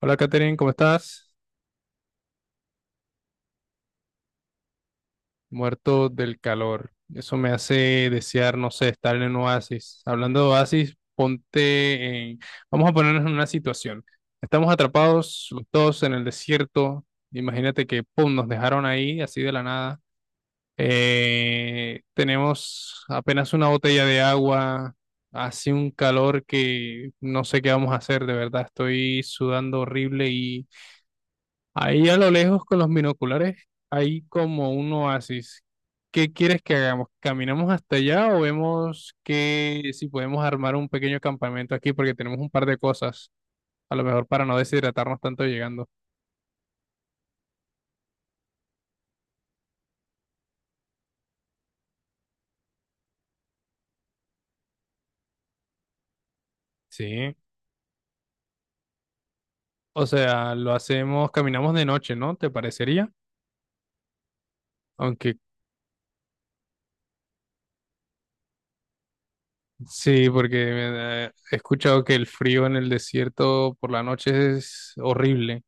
Hola Katherine, ¿cómo estás? Muerto del calor. Eso me hace desear, no sé, estar en un oasis. Hablando de oasis, ponte en... Vamos a ponernos en una situación. Estamos atrapados los dos en el desierto. Imagínate que, pum, nos dejaron ahí, así de la nada. Tenemos apenas una botella de agua. Hace un calor que no sé qué vamos a hacer, de verdad. Estoy sudando horrible y ahí a lo lejos con los binoculares hay como un oasis. ¿Qué quieres que hagamos? ¿Caminamos hasta allá o vemos que si podemos armar un pequeño campamento aquí? Porque tenemos un par de cosas, a lo mejor para no deshidratarnos tanto llegando. Sí. O sea, lo hacemos, caminamos de noche, ¿no? ¿Te parecería? Aunque sí, porque he escuchado que el frío en el desierto por la noche es horrible.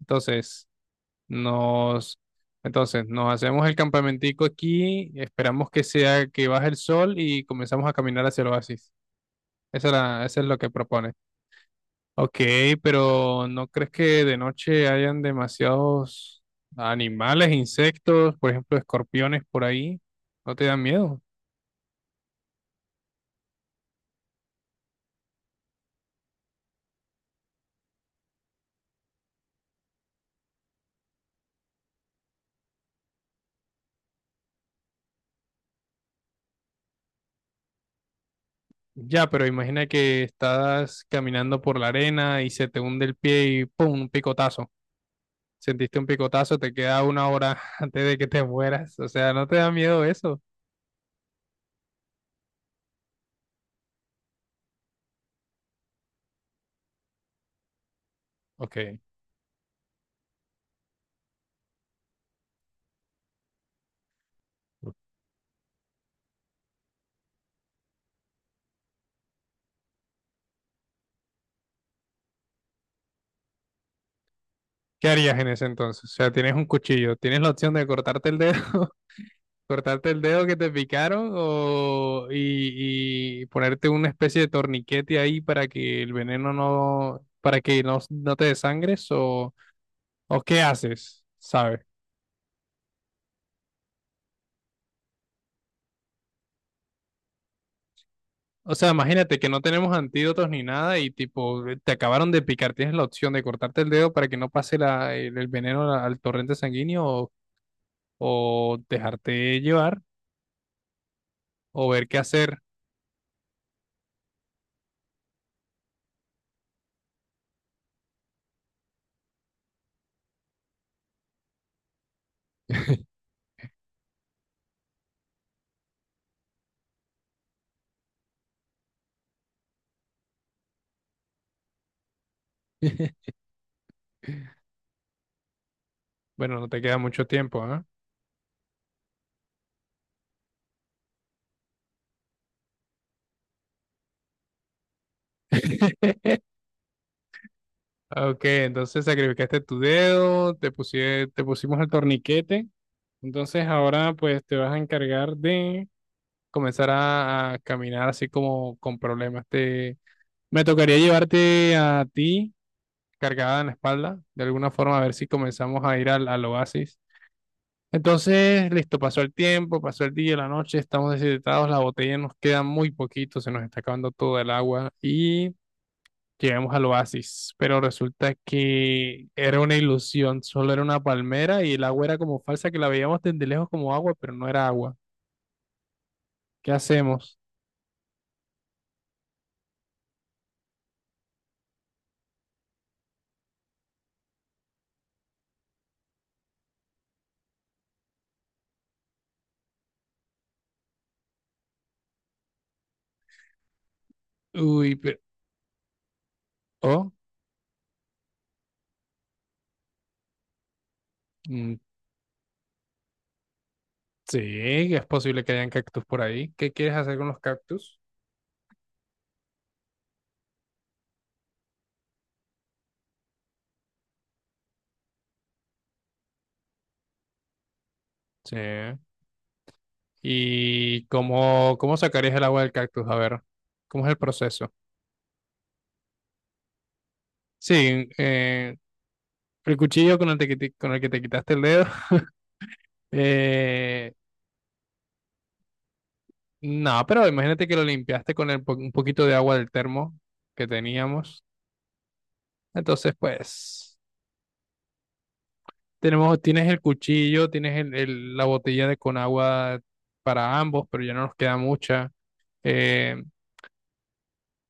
Entonces... Nos, entonces, nos hacemos el campamentico aquí, esperamos que sea que baje el sol y comenzamos a caminar hacia el oasis. Eso es lo que propone. Ok, pero ¿no crees que de noche hayan demasiados animales, insectos, por ejemplo, escorpiones por ahí? ¿No te dan miedo? Ya, pero imagina que estás caminando por la arena y se te hunde el pie y ¡pum!, un picotazo. Sentiste un picotazo, te queda una hora antes de que te mueras. O sea, ¿no te da miedo eso? Ok. ¿Qué harías en ese entonces? O sea, tienes un cuchillo, tienes la opción de cortarte el dedo, cortarte el dedo que te picaron o y ponerte una especie de torniquete ahí para que el veneno no, para que no te desangres, o qué haces, ¿sabes? O sea, imagínate que no tenemos antídotos ni nada y tipo te acabaron de picar, tienes la opción de cortarte el dedo para que no pase el veneno al torrente sanguíneo, o dejarte llevar o ver qué hacer. Bueno, no te queda mucho tiempo, ¿ah? Ok, entonces sacrificaste tu dedo, te pusimos el torniquete. Entonces ahora pues te vas a encargar de comenzar a caminar así como con problemas. Te, me tocaría llevarte a ti cargada en la espalda, de alguna forma a ver si comenzamos a ir al oasis. Entonces, listo, pasó el tiempo, pasó el día, la noche, estamos deshidratados, la botella nos queda muy poquito, se nos está acabando todo el agua y llegamos al oasis, pero resulta que era una ilusión, solo era una palmera y el agua era como falsa, que la veíamos desde lejos como agua, pero no era agua. ¿Qué hacemos? Uy, pero... Oh, mm, sí, es posible que hayan cactus por ahí. ¿Qué quieres hacer con los cactus? Sí. ¿Y cómo, cómo sacarías el agua del cactus? A ver, ¿cómo es el proceso? Sí, el cuchillo con el, con el que te quitaste el dedo. Eh, no, pero imagínate que lo limpiaste con el un poquito de agua del termo que teníamos. Entonces, pues, tenemos, tienes el cuchillo, tienes la botella de con agua para ambos, pero ya no nos queda mucha. Eh,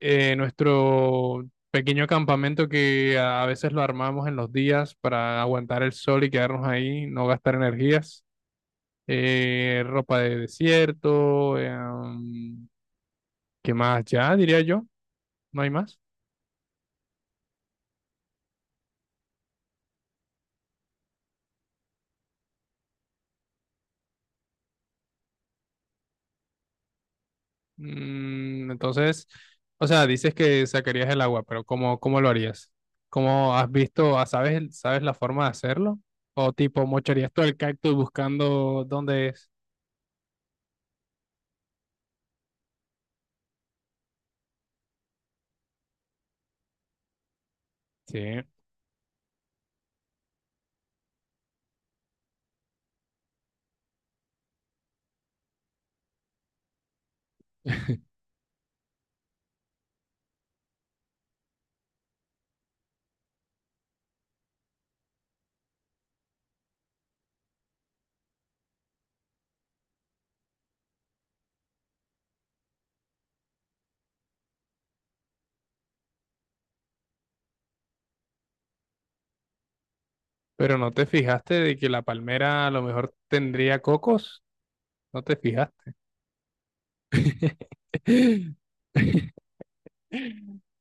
Nuestro pequeño campamento que a veces lo armamos en los días para aguantar el sol y quedarnos ahí, no gastar energías. Ropa de desierto, ¿qué más? Ya diría yo, no hay más. Mm, entonces, o sea, dices que sacarías el agua, pero ¿cómo, cómo lo harías? ¿Cómo has visto, ah, sabes, sabes la forma de hacerlo? O tipo, mocharías todo el cactus buscando dónde es. Sí. Pero no te fijaste de que la palmera a lo mejor tendría cocos, no te fijaste.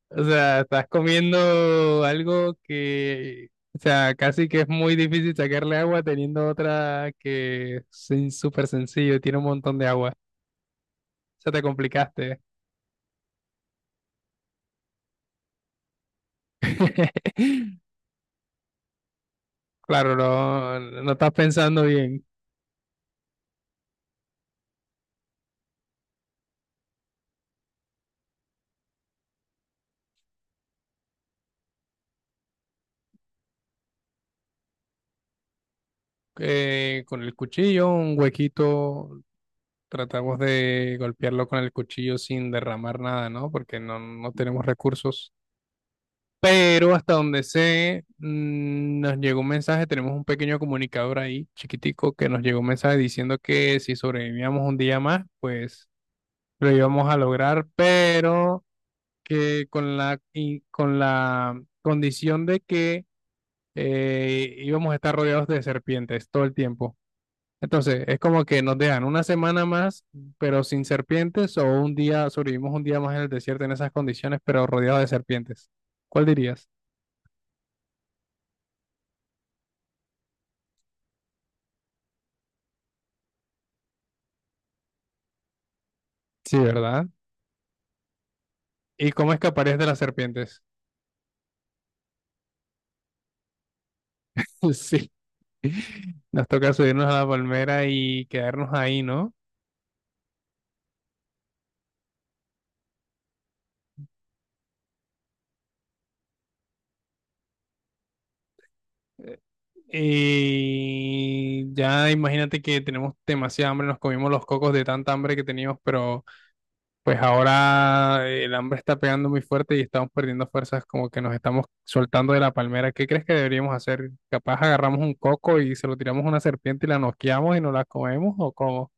O sea, estás comiendo algo que, o sea, casi que es muy difícil sacarle agua teniendo otra que es súper sencillo, tiene un montón de agua. O sea, te complicaste. Claro, no, no estás pensando bien. Con el cuchillo, un huequito, tratamos de golpearlo con el cuchillo sin derramar nada, ¿no? Porque no, no tenemos recursos. Pero hasta donde sé, mm, nos llegó un mensaje, tenemos un pequeño comunicador ahí, chiquitico, que nos llegó un mensaje diciendo que si sobrevivíamos un día más, pues lo íbamos a lograr, pero que con la condición de que íbamos a estar rodeados de serpientes todo el tiempo. Entonces, es como que nos dejan una semana más, pero sin serpientes, o un día, sobrevivimos un día más en el desierto en esas condiciones, pero rodeados de serpientes. ¿Cuál dirías? Sí, ¿verdad? ¿Y cómo escaparías de las serpientes? Sí, nos toca subirnos a la palmera y quedarnos ahí, ¿no? Y ya imagínate que tenemos demasiada hambre, nos comimos los cocos de tanta hambre que teníamos, pero pues ahora el hambre está pegando muy fuerte y estamos perdiendo fuerzas, como que nos estamos soltando de la palmera. ¿Qué crees que deberíamos hacer? ¿Capaz agarramos un coco y se lo tiramos a una serpiente y la noqueamos y nos la comemos o cómo?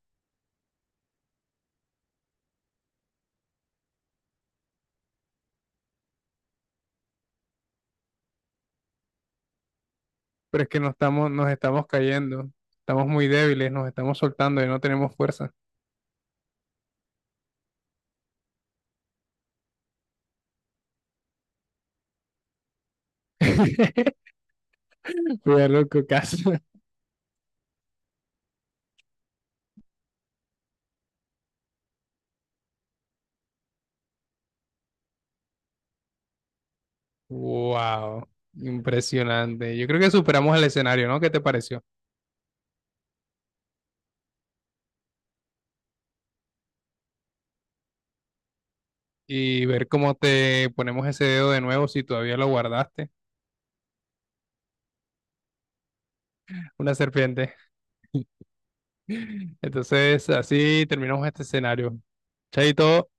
Pero es que nos estamos cayendo, estamos muy débiles, nos estamos soltando y no tenemos fuerza. Cuidado loco, caso. Wow, impresionante. Yo creo que superamos el escenario, ¿no? ¿Qué te pareció? Y ver cómo te ponemos ese dedo de nuevo si todavía lo guardaste, una serpiente. Entonces, así terminamos este escenario. Chaito.